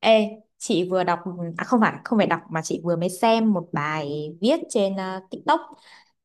Ê, chị vừa đọc, à không phải đọc mà chị vừa mới xem một bài viết trên TikTok.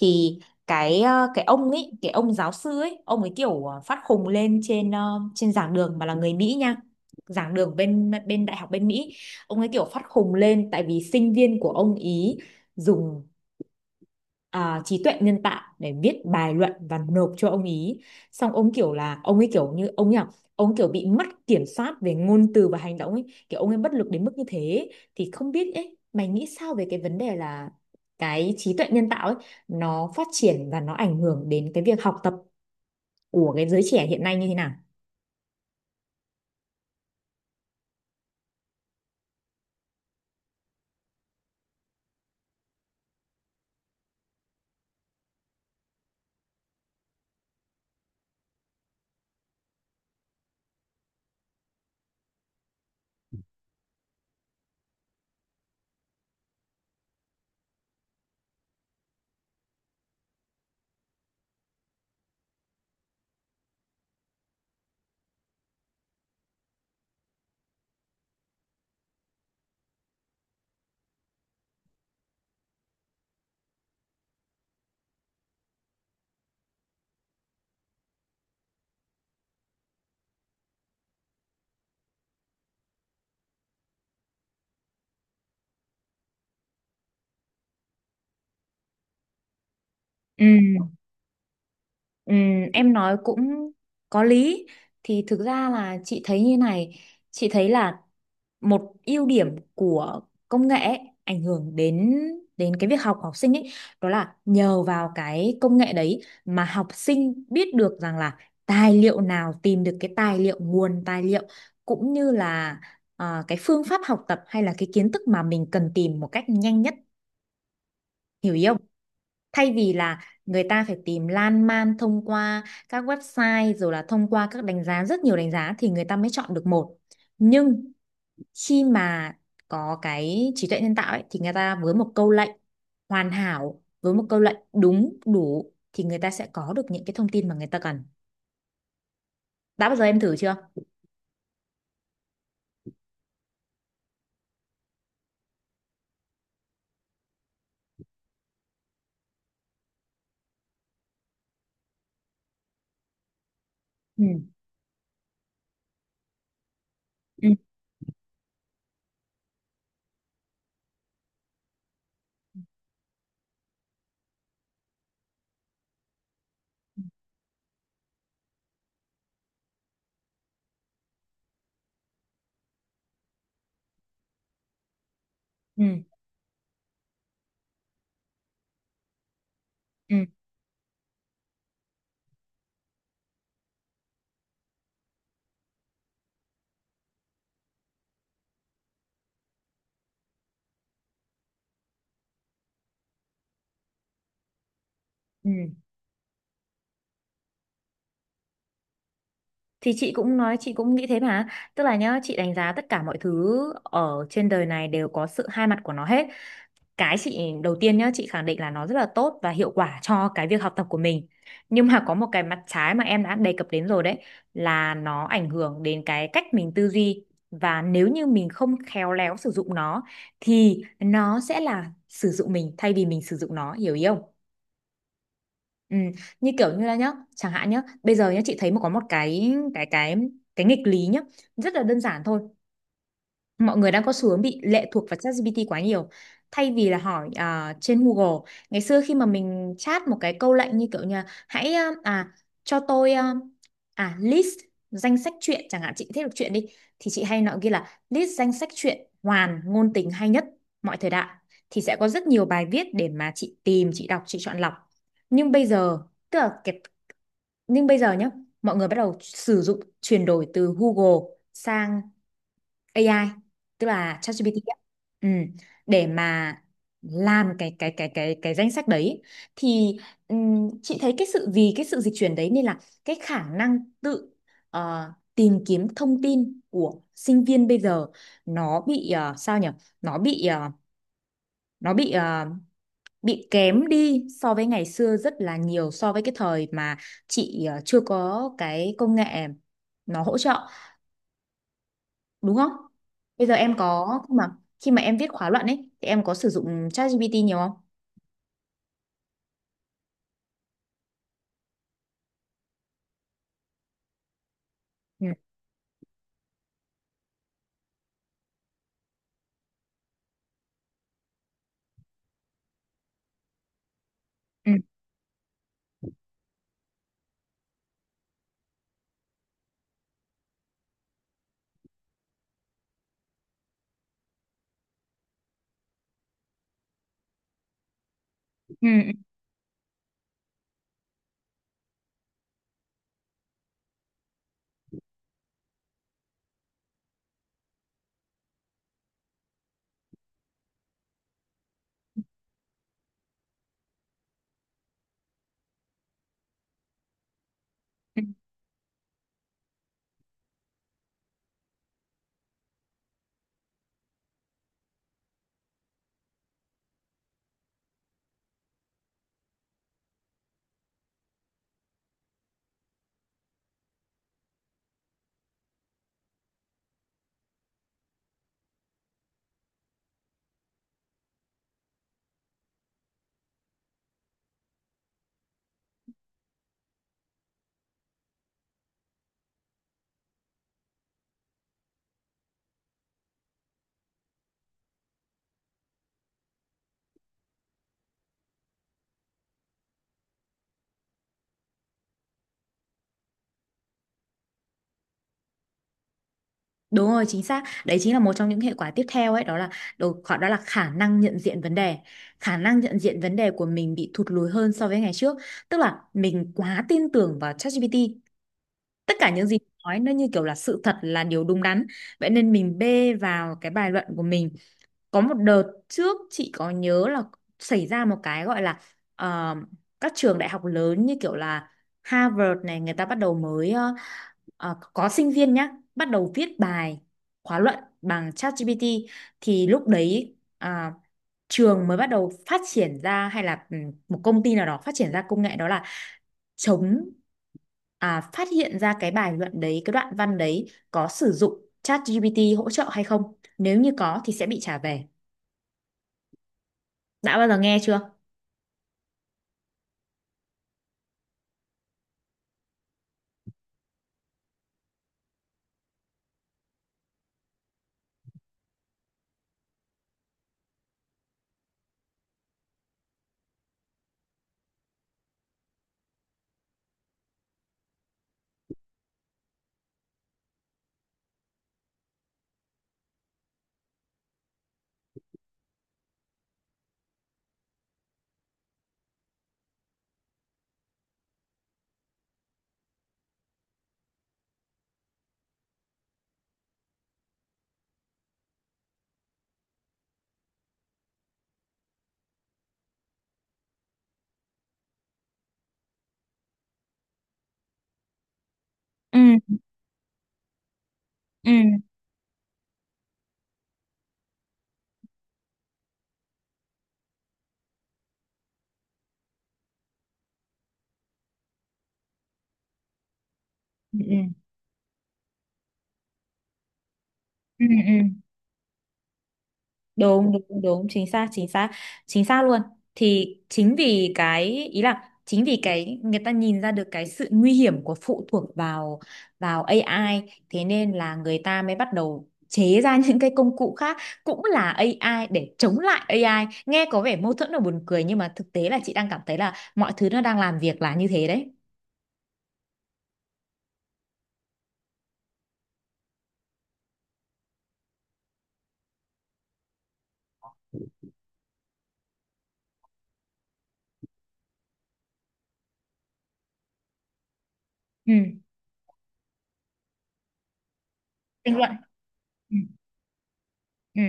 Thì cái ông ấy, cái ông giáo sư ấy, ông ấy kiểu phát khùng lên trên giảng đường, mà là người Mỹ nha. Giảng đường bên bên đại học bên Mỹ. Ông ấy kiểu phát khùng lên tại vì sinh viên của ông ý dùng trí tuệ nhân tạo để viết bài luận và nộp cho ông ý. Xong ông kiểu là ông ấy kiểu như ông nhỉ, ông kiểu bị mất kiểm soát về ngôn từ và hành động ấy, kiểu ông ấy bất lực đến mức như thế. Thì không biết ấy, mày nghĩ sao về cái vấn đề là cái trí tuệ nhân tạo ấy nó phát triển và nó ảnh hưởng đến cái việc học tập của cái giới trẻ hiện nay như thế nào? Ừ. Ừm. Em nói cũng có lý. Thì thực ra là chị thấy như này, chị thấy là một ưu điểm của công nghệ ấy ảnh hưởng đến đến cái việc học của học sinh ấy, đó là nhờ vào cái công nghệ đấy mà học sinh biết được rằng là tài liệu nào, tìm được cái tài liệu, nguồn tài liệu, cũng như là cái phương pháp học tập hay là cái kiến thức mà mình cần tìm một cách nhanh nhất. Hiểu ý không? Thay vì là người ta phải tìm lan man thông qua các website, rồi là thông qua các đánh giá, rất nhiều đánh giá thì người ta mới chọn được một. Nhưng khi mà có cái trí tuệ nhân tạo ấy thì người ta với một câu lệnh hoàn hảo, với một câu lệnh đúng đủ, thì người ta sẽ có được những cái thông tin mà người ta cần. Đã bao giờ em thử chưa? Ừ. Ừ. Ừ. Ừ. Ừ. Thì chị cũng nói, chị cũng nghĩ thế mà. Tức là nhá, chị đánh giá tất cả mọi thứ ở trên đời này đều có sự hai mặt của nó hết. Cái chị đầu tiên nhá, chị khẳng định là nó rất là tốt và hiệu quả cho cái việc học tập của mình, nhưng mà có một cái mặt trái mà em đã đề cập đến rồi đấy, là nó ảnh hưởng đến cái cách mình tư duy. Và nếu như mình không khéo léo sử dụng nó thì nó sẽ là sử dụng mình thay vì mình sử dụng nó. Hiểu ý không? Ừ. Như kiểu như là nhá, chẳng hạn nhá, bây giờ nhá, chị thấy mà có một cái nghịch lý nhá, rất là đơn giản thôi. Mọi người đang có xu hướng bị lệ thuộc vào ChatGPT quá nhiều thay vì là hỏi trên Google. Ngày xưa khi mà mình chat một cái câu lệnh như kiểu như là, hãy cho tôi list danh sách truyện chẳng hạn, chị thích đọc truyện đi, thì chị hay nói ghi là list danh sách truyện hoàn ngôn tình hay nhất mọi thời đại, thì sẽ có rất nhiều bài viết để mà chị tìm, chị đọc, chị chọn lọc. Nhưng bây giờ tức là cái, nhưng bây giờ nhá, mọi người bắt đầu sử dụng chuyển đổi từ Google sang AI, tức là ChatGPT á. Ừ. Để mà làm cái danh sách đấy thì chị thấy cái sự, vì cái sự dịch chuyển đấy nên là cái khả năng tự tìm kiếm thông tin của sinh viên bây giờ nó bị sao nhỉ, nó bị ờ, nó bị ờ, bị kém đi so với ngày xưa rất là nhiều, so với cái thời mà chị chưa có cái công nghệ nó hỗ trợ, đúng không? Bây giờ em có khi mà em viết khóa luận ấy thì em có sử dụng ChatGPT nhiều không? Ừ. Ừ. Ừ. Ừ. Ừ. Đúng rồi, chính xác. Đấy chính là một trong những hệ quả tiếp theo ấy, đó là đó là khả năng nhận diện vấn đề. Khả năng nhận diện vấn đề của mình bị thụt lùi hơn so với ngày trước, tức là mình quá tin tưởng vào ChatGPT. Tất cả những gì nói nó như kiểu là sự thật, là điều đúng đắn. Vậy nên mình bê vào cái bài luận của mình. Có một đợt trước chị có nhớ là xảy ra một cái gọi là ờ, các trường đại học lớn như kiểu là Harvard này, người ta bắt đầu mới có sinh viên nhá bắt đầu viết bài khóa luận bằng ChatGPT. Thì lúc đấy trường mới bắt đầu phát triển ra, hay là một công ty nào đó phát triển ra công nghệ đó là chống, phát hiện ra cái bài luận đấy, cái đoạn văn đấy có sử dụng ChatGPT hỗ trợ hay không, nếu như có thì sẽ bị trả về. Đã bao giờ nghe chưa? Ừ. Ừ. Ừ. Ừ. Ừ. Ừ. Đúng đúng đúng, chính xác chính xác. Chính xác luôn. Thì chính vì cái, ý là chính vì cái, người ta nhìn ra được cái sự nguy hiểm của phụ thuộc vào vào AI, thế nên là người ta mới bắt đầu chế ra những cái công cụ khác cũng là AI để chống lại AI. Nghe có vẻ mâu thuẫn và buồn cười, nhưng mà thực tế là chị đang cảm thấy là mọi thứ nó đang làm việc là như thế đấy. Ừ. Tranh luận. Ừ. Ừ.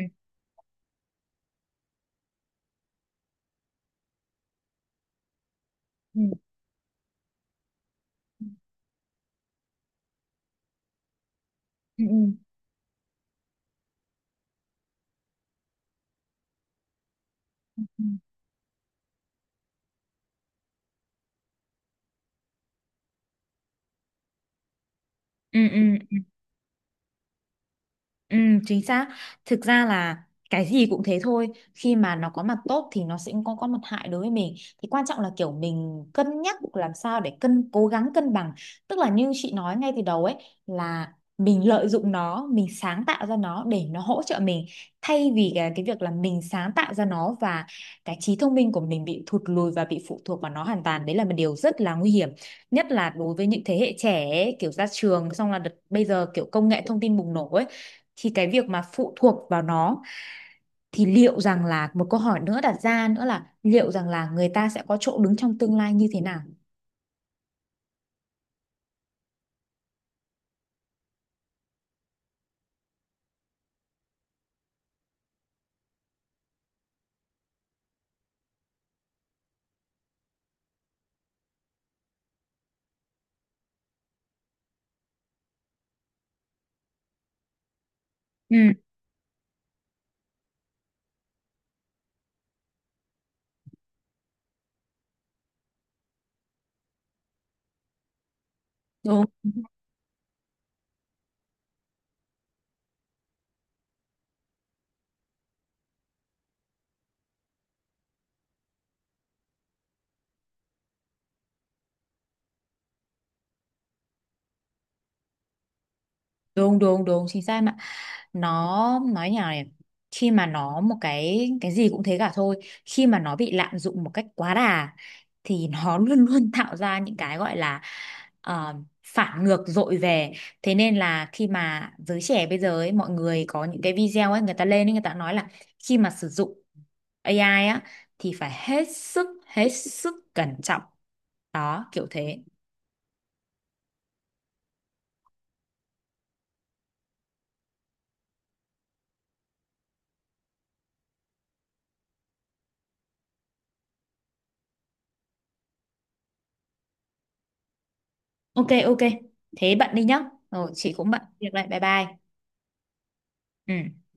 Ừ. Ừ. Ừ. Ừ. Ừ. Ừ. Ừ, chính xác. Thực ra là cái gì cũng thế thôi. Khi mà nó có mặt tốt thì nó sẽ có mặt hại đối với mình. Thì quan trọng là kiểu mình cân nhắc làm sao để cố gắng cân bằng. Tức là như chị nói ngay từ đầu ấy là mình lợi dụng nó, mình sáng tạo ra nó để nó hỗ trợ mình, thay vì cái việc là mình sáng tạo ra nó và cái trí thông minh của mình bị thụt lùi và bị phụ thuộc vào nó hoàn toàn. Đấy là một điều rất là nguy hiểm. Nhất là đối với những thế hệ trẻ ấy, kiểu ra trường xong là đợt, bây giờ kiểu công nghệ thông tin bùng nổ ấy, thì cái việc mà phụ thuộc vào nó, thì liệu rằng là, một câu hỏi nữa đặt ra nữa là liệu rằng là người ta sẽ có chỗ đứng trong tương lai như thế nào? Ừ, đúng đúng đúng đúng, chính xác mà. Nó nói nhào này, khi mà nó, một cái gì cũng thế cả thôi. Khi mà nó bị lạm dụng một cách quá đà thì nó luôn luôn tạo ra những cái gọi là ờ, phản ngược dội về. Thế nên là khi mà giới trẻ bây giờ ấy, mọi người có những cái video ấy, người ta lên ấy, người ta nói là khi mà sử dụng AI á thì phải hết sức cẩn trọng, đó kiểu thế. OK OK, thế bạn đi nhá, rồi chị cũng bận việc lại, bye bye. Ừ.